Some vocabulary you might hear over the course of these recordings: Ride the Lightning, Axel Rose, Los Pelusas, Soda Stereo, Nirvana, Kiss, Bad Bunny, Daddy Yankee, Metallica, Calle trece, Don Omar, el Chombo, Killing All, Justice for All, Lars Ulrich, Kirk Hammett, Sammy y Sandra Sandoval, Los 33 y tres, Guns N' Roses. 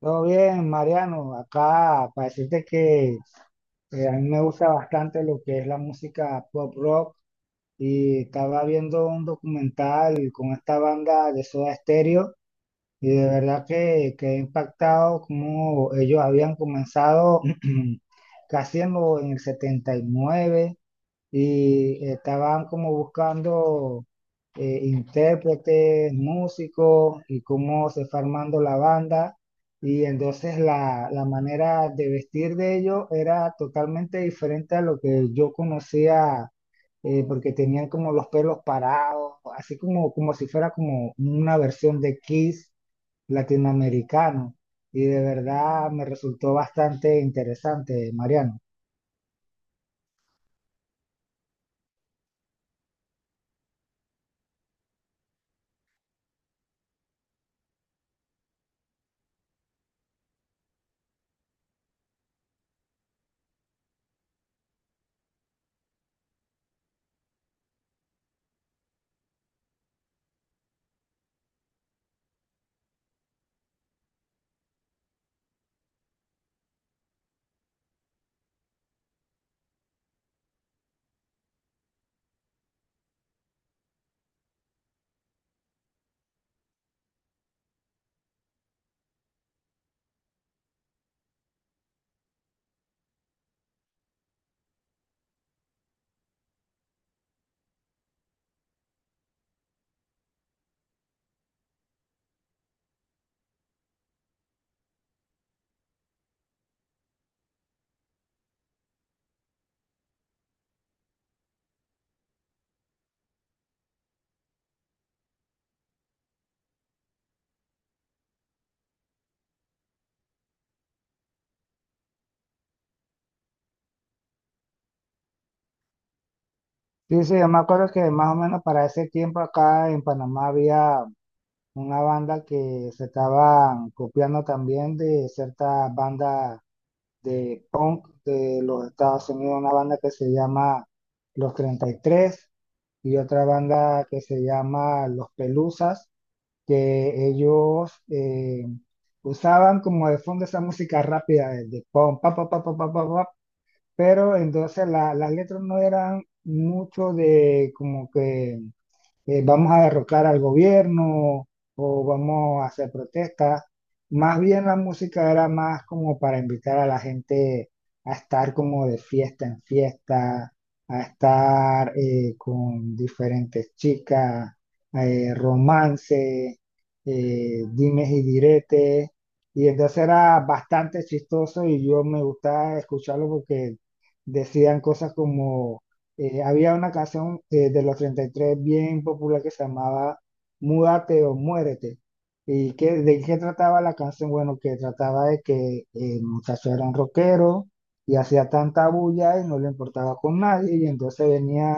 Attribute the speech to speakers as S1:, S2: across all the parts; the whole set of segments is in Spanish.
S1: Todo bien, Mariano. Acá para decirte que a mí me gusta bastante lo que es la música pop rock y estaba viendo un documental con esta banda de Soda Stereo y de verdad que he impactado cómo ellos habían comenzado casi en el 79 y estaban como buscando intérpretes, músicos y cómo se fue armando la banda. Y entonces la manera de vestir de ellos era totalmente diferente a lo que yo conocía, porque tenían como los pelos parados, así como si fuera como una versión de Kiss latinoamericano. Y de verdad me resultó bastante interesante, Mariano. Sí, sí, yo me acuerdo que más o menos para ese tiempo acá en Panamá había una banda que se estaban copiando también de cierta banda de punk de los Estados Unidos, una banda que se llama Los 33 y tres y otra banda que se llama Los Pelusas, que ellos usaban como de fondo esa música rápida de punk, pa, pa, pa, pa, pa, pa, pa, pero entonces las letras no eran mucho de como que vamos a derrocar al gobierno o vamos a hacer protestas. Más bien la música era más como para invitar a la gente a estar como de fiesta en fiesta, a estar con diferentes chicas, romance, dimes y diretes. Y entonces era bastante chistoso y yo me gustaba escucharlo porque decían cosas como había una canción de los treinta y tres bien popular que se llamaba Múdate o Muérete. ¿Y qué, de qué trataba la canción? Bueno, que trataba de que el muchacho era un rockero y hacía tanta bulla y no le importaba con nadie y entonces venía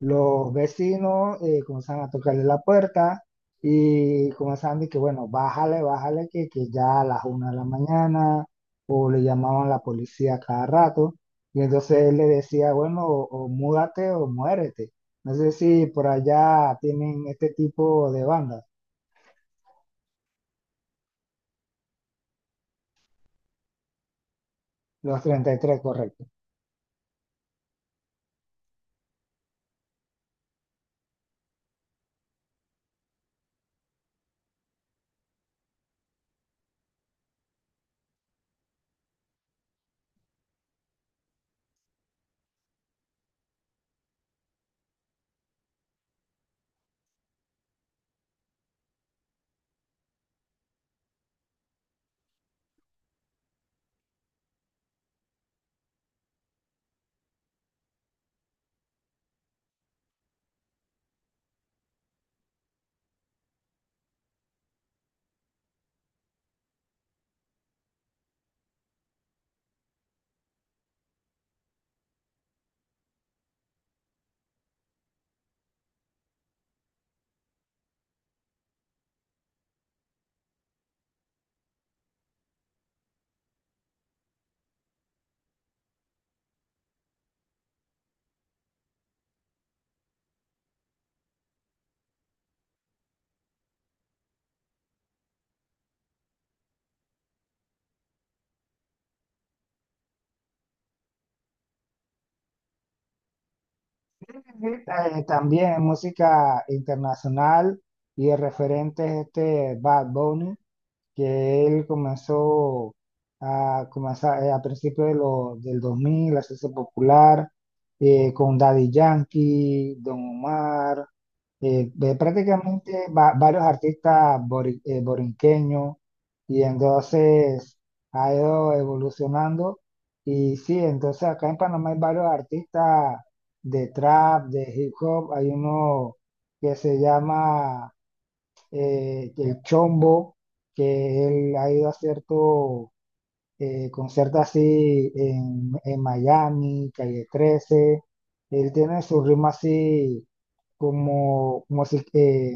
S1: los vecinos comenzaron a tocarle la puerta y comenzaban de que, bueno, bájale, bájale, que ya a las una de la mañana, o le llamaban la policía cada rato, y entonces él le decía, bueno, o múdate o muérete. No sé si por allá tienen este tipo de bandas, los treinta y tres correcto. También música internacional y el referente es este Bad Bunny que él comenzó a principios del 2000 a hacerse popular con Daddy Yankee, Don Omar, de prácticamente varios artistas borinqueños y entonces ha ido evolucionando y sí, entonces acá en Panamá hay varios artistas de trap, de hip hop, hay uno que se llama el Chombo, que él ha ido a ciertos concierta así en Miami, Calle 13. Él tiene su ritmo así como, como si, eh,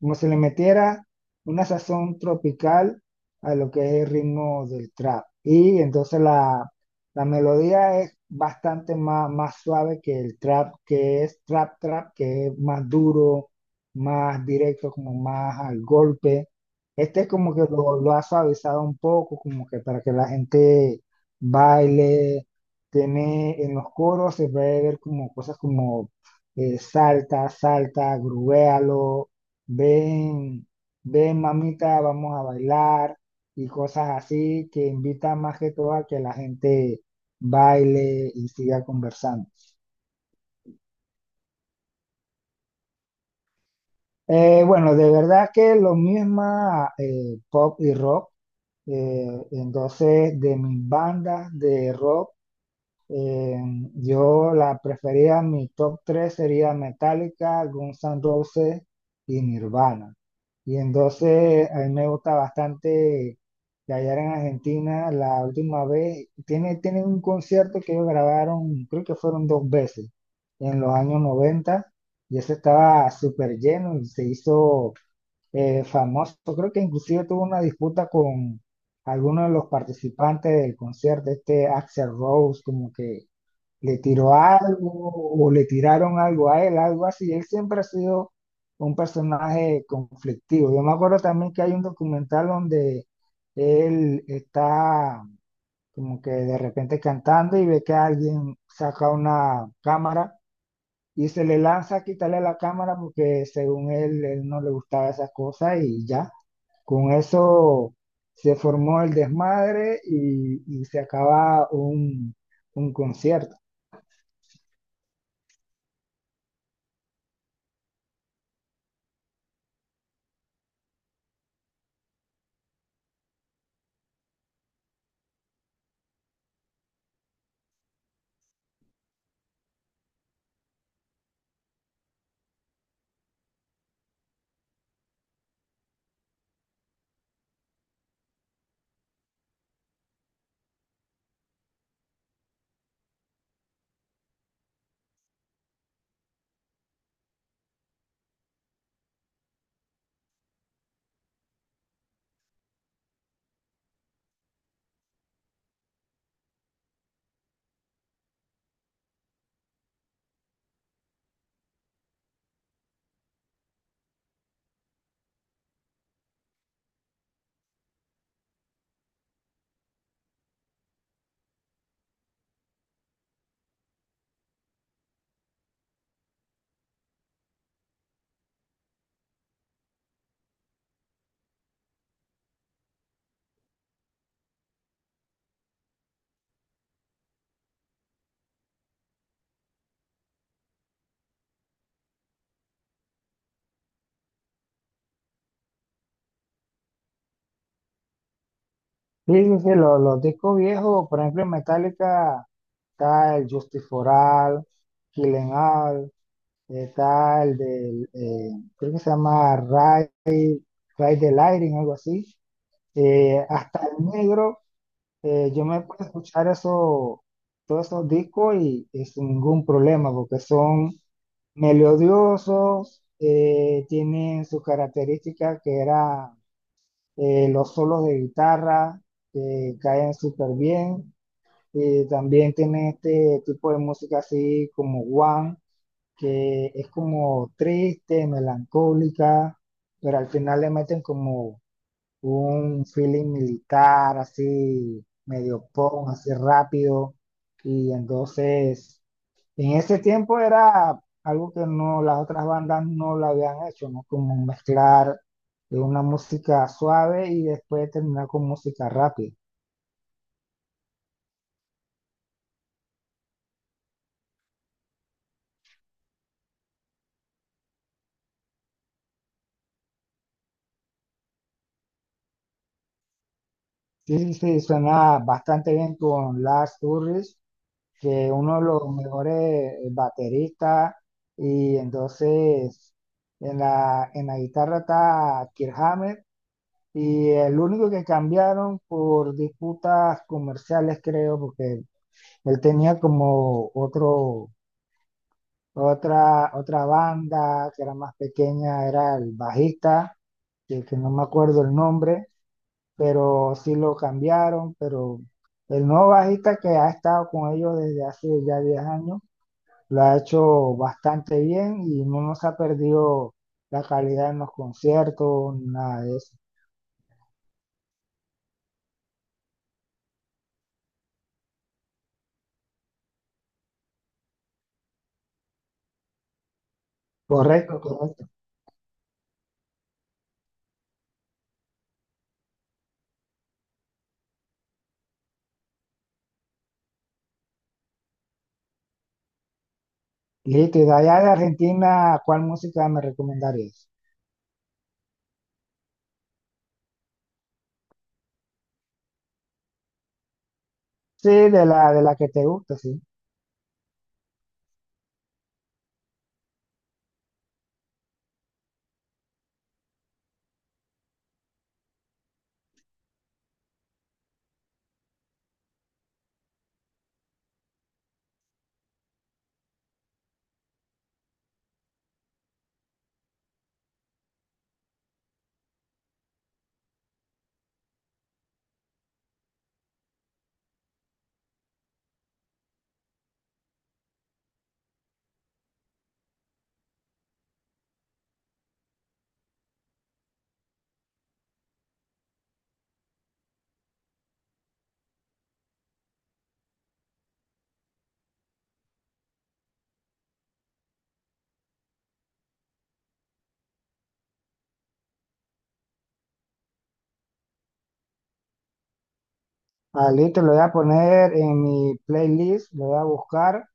S1: como si le metiera una sazón tropical a lo que es el ritmo del trap. Y entonces la melodía es más suave que el trap, que es trap trap, que es más duro, más directo, como más al golpe. Este es como que lo ha suavizado un poco, como que para que la gente baile. Tiene en los coros, se puede ver como cosas como salta, salta, grubéalo, ven, ven mamita, vamos a bailar y cosas así que invitan más que todo a que la gente baile y siga conversando. Bueno, de verdad que lo mismo pop y rock. Entonces, de mis bandas de rock, eh, yo la prefería, mi top 3 sería Metallica, Guns N' Roses y Nirvana. Y entonces, a mí me gusta bastante que allá en Argentina, la última vez, tiene un concierto que ellos grabaron, creo que fueron dos veces, en los años 90 y ese estaba súper lleno y se hizo famoso. Creo que inclusive tuvo una disputa con alguno de los participantes del concierto, este Axel Rose, como que le tiró algo o le tiraron algo a él, algo así. Él siempre ha sido un personaje conflictivo. Yo me acuerdo también que hay un documental donde él está como que de repente cantando y ve que alguien saca una cámara y se le lanza a quitarle la cámara porque según él, él no le gustaba esas cosas y ya. Con eso se formó el desmadre y se acaba un concierto. Sí, sí, sí, discos viejos, por ejemplo, en Metallica está el Justice for All, Killing All, está creo que se llama Ride, Ride the Lightning, algo así. Hasta el negro. Yo me puedo escuchar eso, todos esos discos y sin ningún problema, porque son melodiosos, tienen sus características que era los solos de guitarra, que caen súper bien, y también tienen este tipo de música así como One, que es como triste, melancólica, pero al final le meten como un feeling militar así, medio punk, así rápido. Y entonces, en ese tiempo era algo que no, las otras bandas no lo habían hecho, ¿no? Como mezclar de una música suave y después terminar con música rápida. Sí, sí, sí, suena bastante bien con Lars Ulrich, que uno de los mejores bateristas, y entonces en en la guitarra está Kirk Hammett, y el único que cambiaron por disputas comerciales, creo, porque él tenía como otra banda que era más pequeña, era el bajista, que no me acuerdo el nombre, pero sí lo cambiaron, pero el nuevo bajista que ha estado con ellos desde hace ya 10 años, lo ha hecho bastante bien y no nos ha perdido la calidad en los conciertos, nada de eso. Correcto, correcto. Listo, y de allá de Argentina, ¿cuál música me recomendarías? Sí, de de la que te gusta, sí. Ah, listo, lo voy a poner en mi playlist, lo voy a buscar,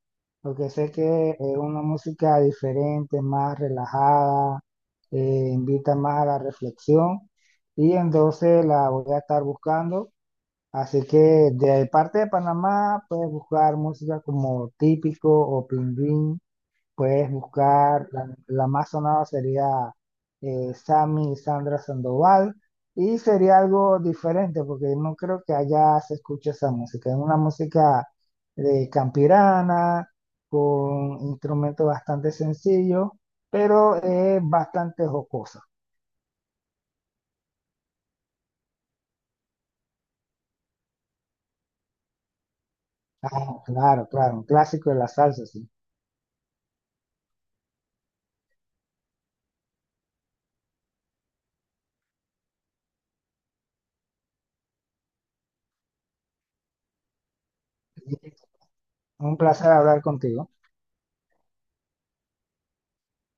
S1: porque sé que es una música diferente, más relajada, invita más a la reflexión, y entonces la voy a estar buscando. Así que de parte de Panamá puedes buscar música como Típico o Pingüín. Puedes buscar, la más sonada sería Sammy y Sandra Sandoval. Y sería algo diferente porque no creo que allá se escuche esa música. Es una música de campirana, con instrumentos bastante sencillos, pero es bastante jocosa. Ah, claro, claro, un clásico de la salsa, sí. Un placer hablar contigo.